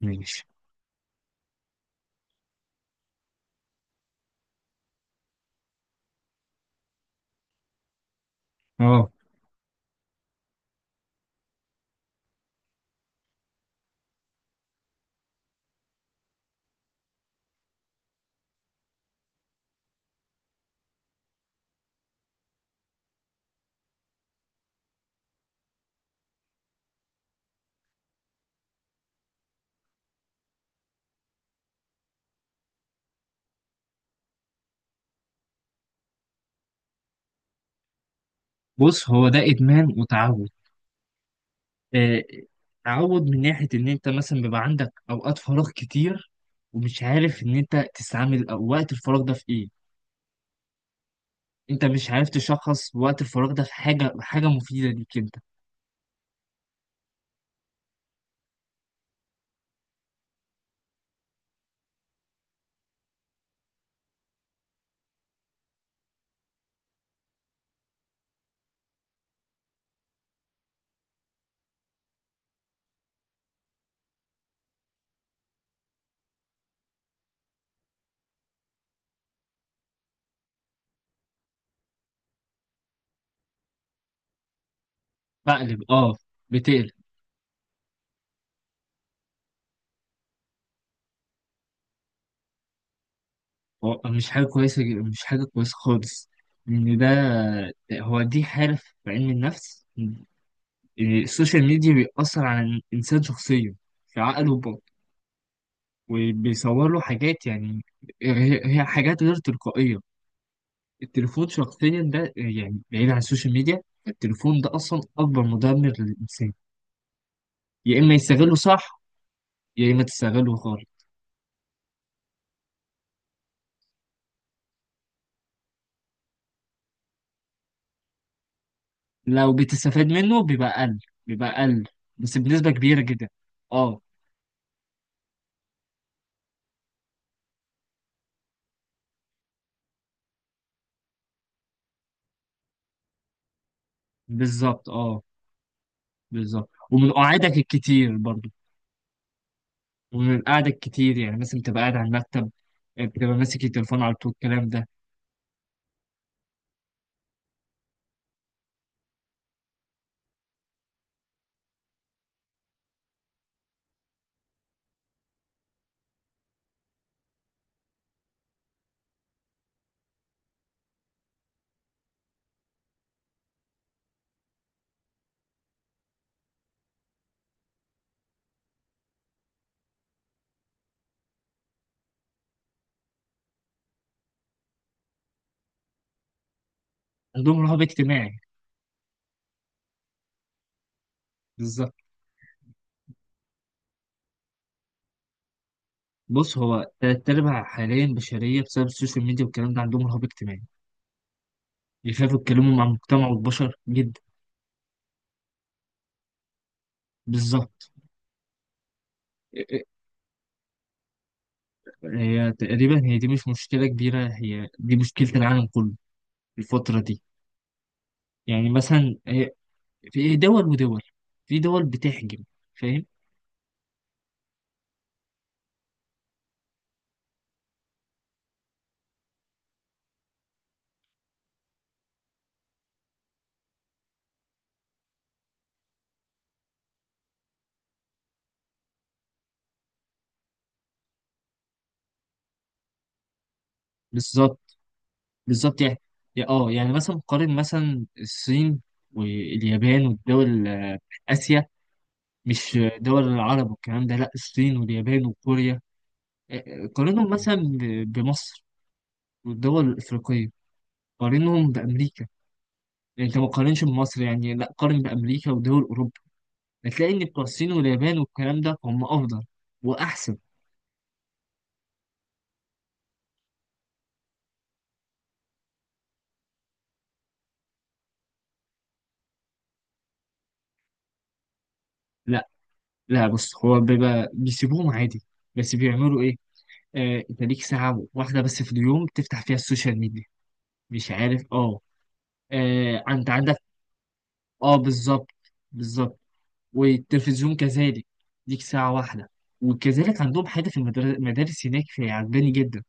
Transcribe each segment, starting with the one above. ماشي. اه، بص، هو ده ادمان وتعود. آه، تعود من ناحيه ان انت مثلا بيبقى عندك اوقات فراغ كتير، ومش عارف ان انت تستعمل أو وقت الفراغ ده في ايه. انت مش عارف تشخص وقت الفراغ ده في حاجه مفيده ليك انت. بقلب، اه، بتقلب. هو مش حاجه كويسه، مش حاجه كويسه خالص. ان ده، هو دي حاله في علم النفس إن السوشيال ميديا بيأثر على الانسان شخصيا، في عقله، وبيصور له حاجات يعني هي حاجات غير تلقائية. التليفون شخصيا ده يعني بعيد عن السوشيال ميديا، التليفون ده أصلا أكبر مدمر للإنسان. يا إما يستغله صح، يا إما تستغله خالص. لو بتستفاد منه بيبقى أقل، بيبقى أقل، بس بنسبة كبيرة جدا. أه، بالظبط، أه، بالظبط، ومن قعدك الكتير برضه. ومن قعدك الكتير، يعني مثلا بتبقى قاعد على المكتب، بتبقى ماسك التليفون على طول، الكلام ده. عندهم رهاب اجتماعي. بالظبط. بص، هو تلات أرباع حاليا بشرية بسبب السوشيال ميديا والكلام ده عندهم رهاب اجتماعي، بيخافوا يتكلموا مع المجتمع والبشر جدا. بالظبط. هي تقريبا هي دي مش مشكلة كبيرة، هي دي مشكلة العالم كله الفترة دي. يعني مثلا هي في دول ودول، في دول بتحجم، فاهم؟ بالظبط، بالظبط. يعني اه يعني مثلا قارن مثلا الصين واليابان والدول، آه، آسيا، مش دول العرب والكلام ده، لا الصين واليابان وكوريا. قارنهم مثلا بمصر والدول الأفريقية. قارنهم بأمريكا. يعني أنت ما تقارنش بمصر، يعني لا، قارن بأمريكا ودول أوروبا. هتلاقي إن بتوع الصين واليابان والكلام ده هم أفضل وأحسن. لا، لا، بص، هو بيبقى بيسيبوهم عادي. بس بيعملوا إيه؟ آه، أنت ليك ساعة واحدة بس في اليوم تفتح فيها السوشيال ميديا، مش عارف، أه. آه، أنت عندك. أه بالظبط، بالظبط، والتلفزيون كذلك ليك ساعة واحدة. وكذلك عندهم حاجة في المدارس هناك في عجباني جدا،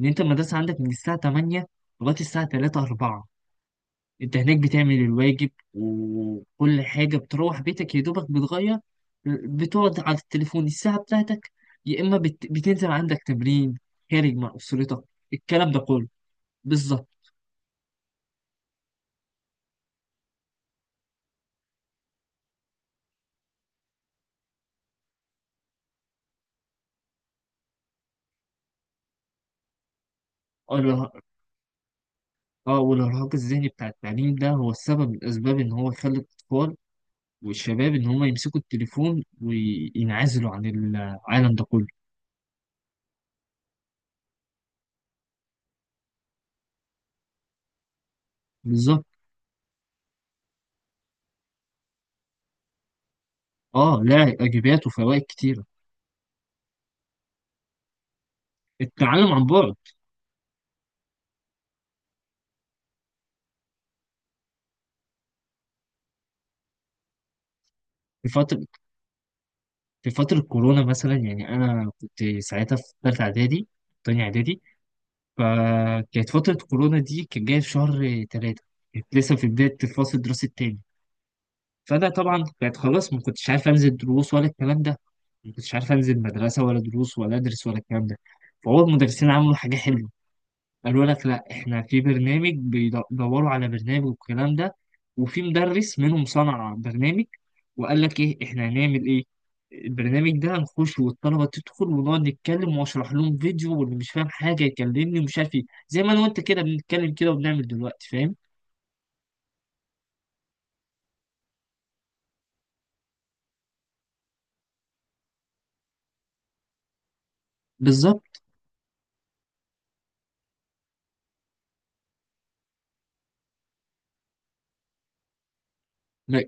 إن أنت المدرسة عندك من الساعة 8 لغاية الساعة 3 4. أنت هناك بتعمل الواجب وكل حاجة، بتروح بيتك يا دوبك بتغير، بتقعد على التليفون الساعة بتاعتك، يا إما بتنزل عندك تمرين، خارج مع أسرتك، الكلام ده كله. بالظبط. اه، والإرهاق الذهني بتاع التعليم ده هو السبب من الأسباب إن هو يخلي الأطفال والشباب ان هم يمسكوا التليفون وينعزلوا عن العالم ده كله. بالظبط. اه، لا، ايجابيات وفوائد كتيره. التعلم عن بعد. في فتره في فتره كورونا مثلا، يعني انا كنت ساعتها في ثالثه اعدادي، تانية اعدادي. فكانت فتره كورونا دي كانت جايه في شهر ثلاثه، كانت لسه في بدايه الفصل الدراسي التاني. فانا طبعا كانت خلاص، ما كنتش عارف انزل دروس ولا الكلام ده، ما كنتش عارف انزل مدرسه ولا دروس ولا ادرس ولا الكلام ده. فهو المدرسين عملوا حاجه حلوه، قالوا لك لا احنا في برنامج، بيدوروا على برنامج والكلام ده. وفي مدرس منهم صنع برنامج، وقال لك ايه احنا هنعمل ايه. البرنامج ده هنخش والطلبه تدخل ونقعد نتكلم واشرح لهم فيديو، واللي مش فاهم حاجه يكلمني ومش عارف ايه، زي ما انا وانت كده بنتكلم كده وبنعمل دلوقتي، فاهم. بالظبط. ما-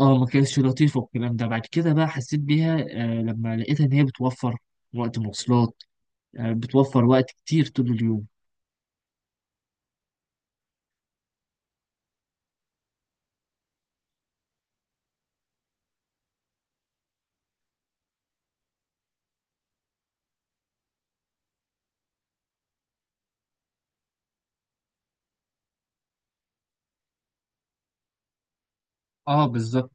اه، ما كانتش لطيفه والكلام ده، بعد كده بقى حسيت بيها، آه، لما لقيتها ان هي بتوفر وقت مواصلات، آه، بتوفر وقت كتير طول اليوم. اه، بالظبط.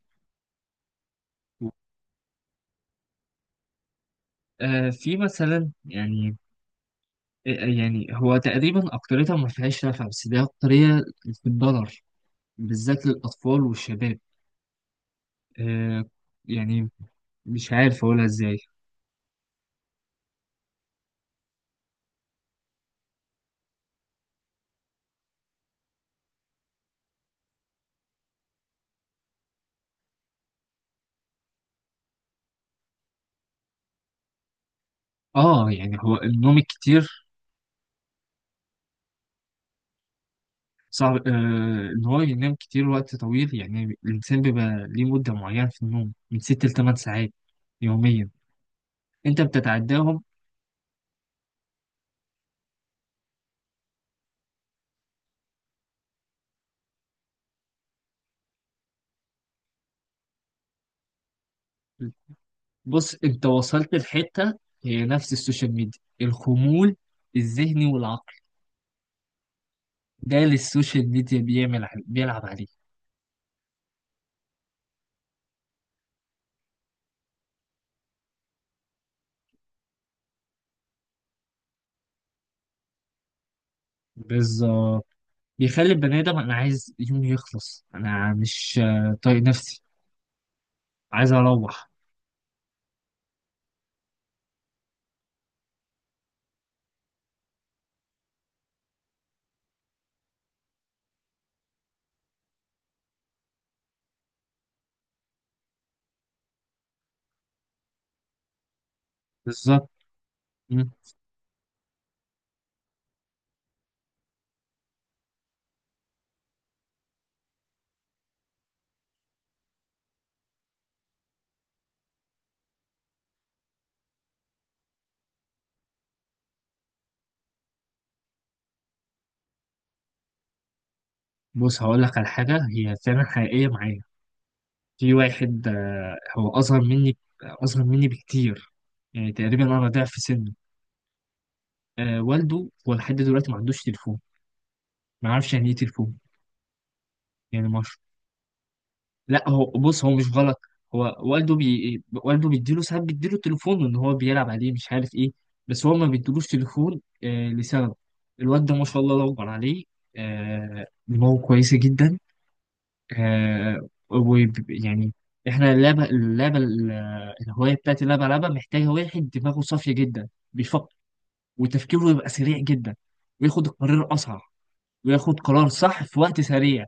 آه، في مثلا يعني، آه، يعني هو تقريبا أكتريتها ما فيهاش نفع، بس دي أكترية في الضرر، بالذات للأطفال والشباب. آه، يعني، مش عارف أقولها إزاي. آه، يعني هو النوم الكتير صعب، آه، إن هو ينام كتير وقت طويل. يعني الإنسان بيبقى ليه مدة معينة في النوم، من ست لتمن ساعات يوميا، أنت بتتعداهم. بص، أنت وصلت لحتة، هي نفس السوشيال ميديا، الخمول الذهني والعقلي جاي للسوشيال ميديا، بيعمل بيلعب عليه. بالظبط. بيخلي البني ادم انا عايز يومي يخلص، انا مش، آه، طايق نفسي، عايز اروح. بالظبط. مم. بص، هقول لك على حاجه هي فعلا حقيقيه معايا. في واحد، آه، هو اصغر مني، اصغر مني بكتير، يعني تقريبا انا ضعف سنه. آه، والده هو لحد دلوقتي ما عندوش تليفون، ما عارفش يعني ايه تليفون. يعني ما، لا هو بص هو مش غلط. هو والده والده بيديله ساعات، بيديله تليفون ان هو بيلعب عليه، مش عارف ايه. بس هو ما بيديلوش تليفون، آه، لسبب. الواد ده، ما شاء الله، الله اكبر عليه، آه، دماغه كويسه جدا. آه، يعني احنا اللعبه، اللعبه، الهوايه بتاعت اللعبه، لعبه محتاجه واحد دماغه صافيه جدا، بيفكر، وتفكيره يبقى سريع جدا، وياخد القرار اسرع، وياخد قرار صح في وقت سريع.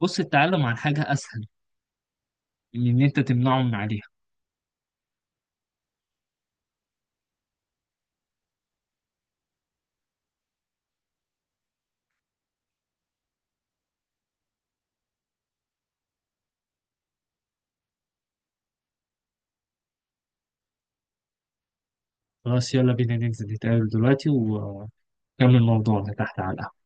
بص، التعلم عن حاجه اسهل من ان انت تمنعه من عليها. خلاص، يلا بينا ننزل نتقابل دلوقتي ونكمل موضوعنا تحت على القهوة.